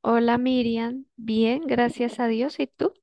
Hola Miriam, bien, gracias a Dios. ¿Y tú?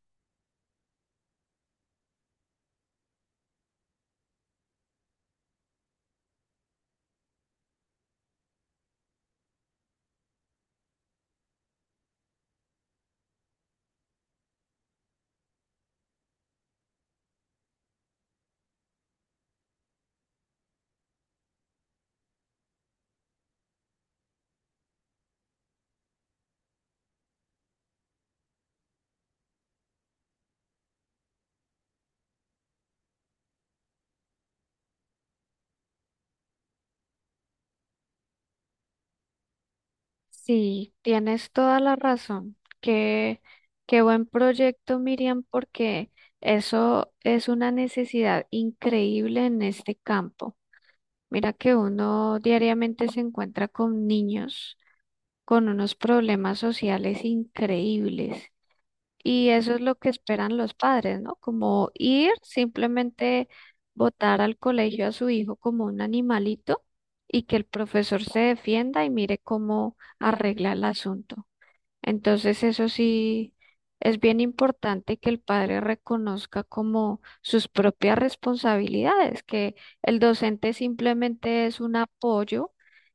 Sí, tienes toda la razón. Qué buen proyecto, Miriam, porque eso es una necesidad increíble en este campo. Mira que uno diariamente se encuentra con niños con unos problemas sociales increíbles. Y eso es lo que esperan los padres, ¿no? Como ir, simplemente botar al colegio a su hijo como un animalito y que el profesor se defienda y mire cómo arregla el asunto. Entonces, eso sí es bien importante que el padre reconozca como sus propias responsabilidades, que el docente simplemente es un apoyo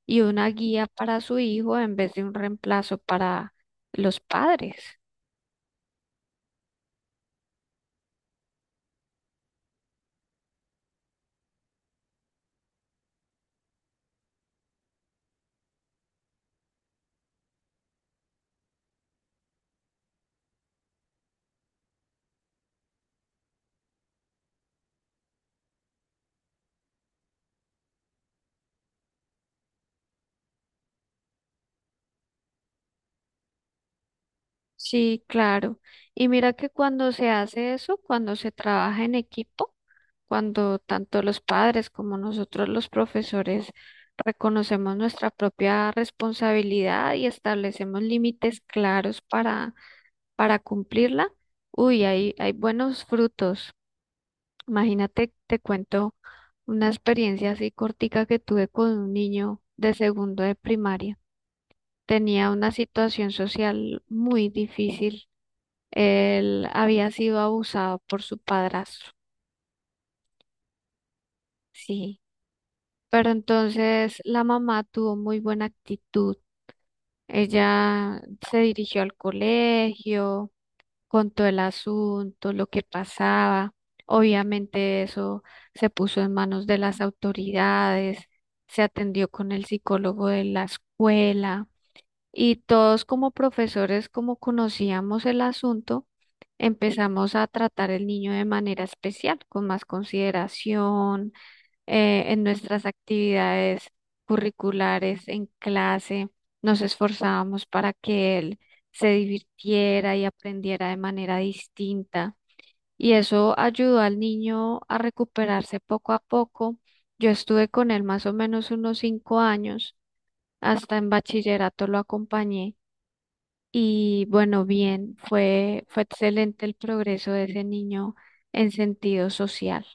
y una guía para su hijo en vez de un reemplazo para los padres. Sí, claro. Y mira que cuando se hace eso, cuando se trabaja en equipo, cuando tanto los padres como nosotros los profesores reconocemos nuestra propia responsabilidad y establecemos límites claros para cumplirla, uy, hay buenos frutos. Imagínate, te cuento una experiencia así cortica que tuve con un niño de segundo de primaria. Tenía una situación social muy difícil, él había sido abusado por su padrastro, sí. Pero entonces la mamá tuvo muy buena actitud. Ella se dirigió al colegio, contó el asunto, lo que pasaba. Obviamente eso se puso en manos de las autoridades, se atendió con el psicólogo de la escuela y todos como profesores, como conocíamos el asunto, empezamos a tratar el niño de manera especial, con más consideración, en nuestras actividades curriculares, en clase, nos esforzábamos para que él se divirtiera y aprendiera de manera distinta. Y eso ayudó al niño a recuperarse poco a poco. Yo estuve con él más o menos unos cinco años, hasta en bachillerato lo acompañé y bueno, bien, fue excelente el progreso de ese niño en sentido social.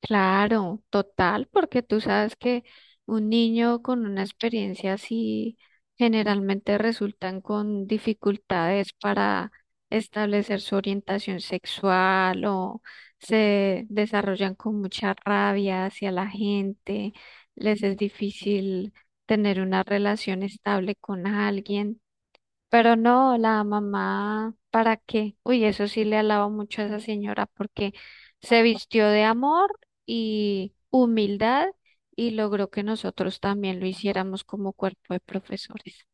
Claro, total, porque tú sabes que un niño con una experiencia así generalmente resultan con dificultades para establecer su orientación sexual o se desarrollan con mucha rabia hacia la gente, les es difícil tener una relación estable con alguien. Pero no, la mamá, ¿para qué? Uy, eso sí le alabo mucho a esa señora porque se vistió de amor y humildad y logró que nosotros también lo hiciéramos como cuerpo de profesores.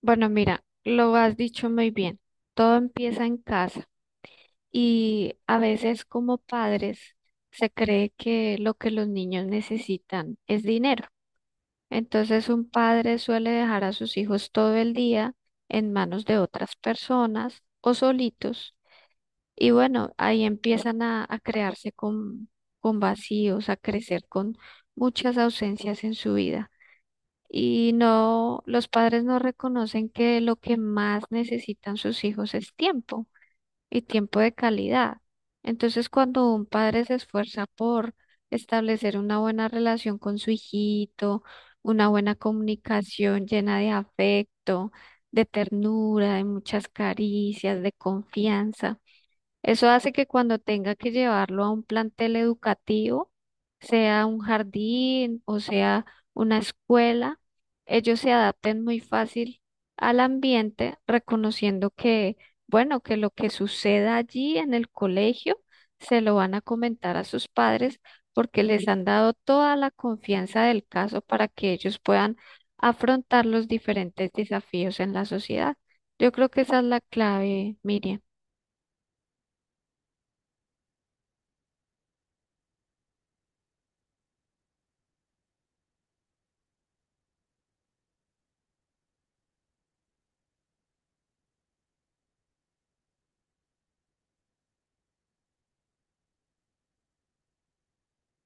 Bueno, mira, lo has dicho muy bien. Todo empieza en casa y a veces como padres se cree que lo que los niños necesitan es dinero. Entonces, un padre suele dejar a sus hijos todo el día en manos de otras personas o solitos. Y bueno, ahí empiezan a crearse con vacíos, a crecer con muchas ausencias en su vida. Y no, los padres no reconocen que lo que más necesitan sus hijos es tiempo y tiempo de calidad. Entonces, cuando un padre se esfuerza por establecer una buena relación con su hijito, una buena comunicación llena de afecto, de ternura, de muchas caricias, de confianza, eso hace que cuando tenga que llevarlo a un plantel educativo, sea un jardín o sea una escuela, ellos se adapten muy fácil al ambiente, reconociendo que, bueno, que lo que suceda allí en el colegio se lo van a comentar a sus padres porque les han dado toda la confianza del caso para que ellos puedan afrontar los diferentes desafíos en la sociedad. Yo creo que esa es la clave, Miriam.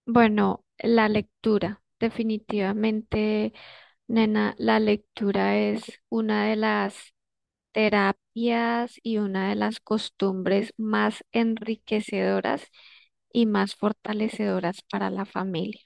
Bueno, la lectura, definitivamente, nena, la lectura es una de las terapias y una de las costumbres más enriquecedoras y más fortalecedoras para la familia.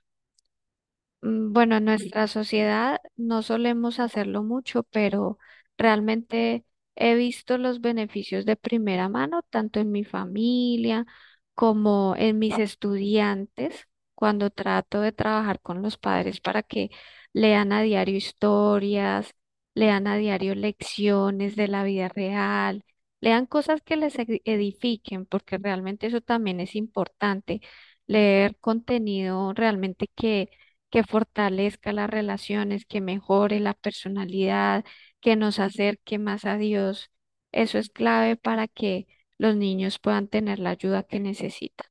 Mm, bueno, en nuestra sociedad no solemos hacerlo mucho, pero realmente he visto los beneficios de primera mano, tanto en mi familia como en mis estudiantes, cuando trato de trabajar con los padres para que lean a diario historias, lean a diario lecciones de la vida real, lean cosas que les edifiquen, porque realmente eso también es importante, leer contenido realmente que fortalezca las relaciones, que mejore la personalidad, que nos acerque más a Dios. Eso es clave para que los niños puedan tener la ayuda que necesitan.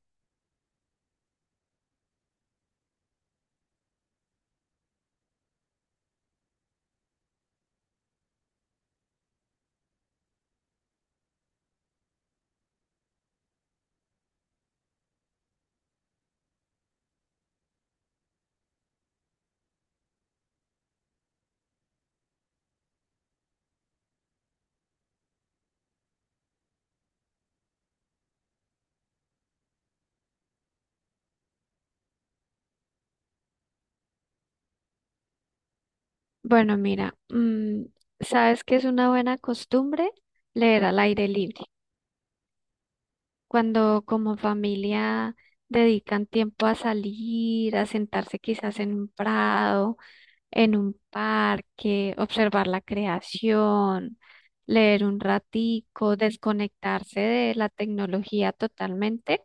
Bueno, mira, mm, ¿sabes qué es una buena costumbre? Leer al aire libre. Cuando como familia dedican tiempo a salir, a sentarse quizás en un prado, en un parque, observar la creación, leer un ratico, desconectarse de la tecnología totalmente.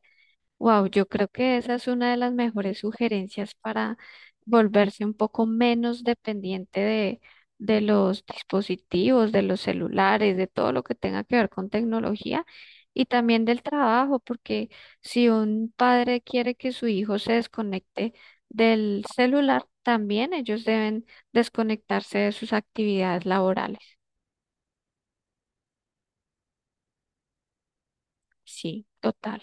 Wow, yo creo que esa es una de las mejores sugerencias para volverse un poco menos dependiente de los dispositivos, de los celulares, de todo lo que tenga que ver con tecnología y también del trabajo, porque si un padre quiere que su hijo se desconecte del celular, también ellos deben desconectarse de sus actividades laborales. Sí, total.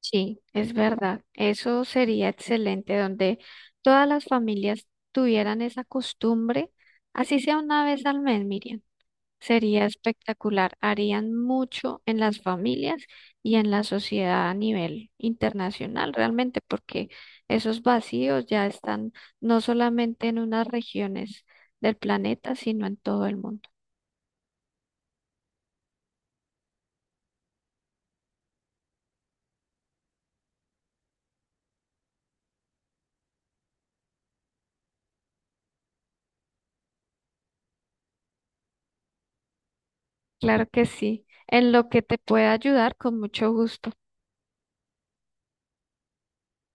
Sí, es verdad. Eso sería excelente, donde todas las familias tuvieran esa costumbre, así sea una vez al mes, Miriam. Sería espectacular. Harían mucho en las familias y en la sociedad a nivel internacional, realmente, porque esos vacíos ya están no solamente en unas regiones del planeta, sino en todo el mundo. Claro que sí. En lo que te pueda ayudar, con mucho gusto.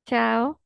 Chao.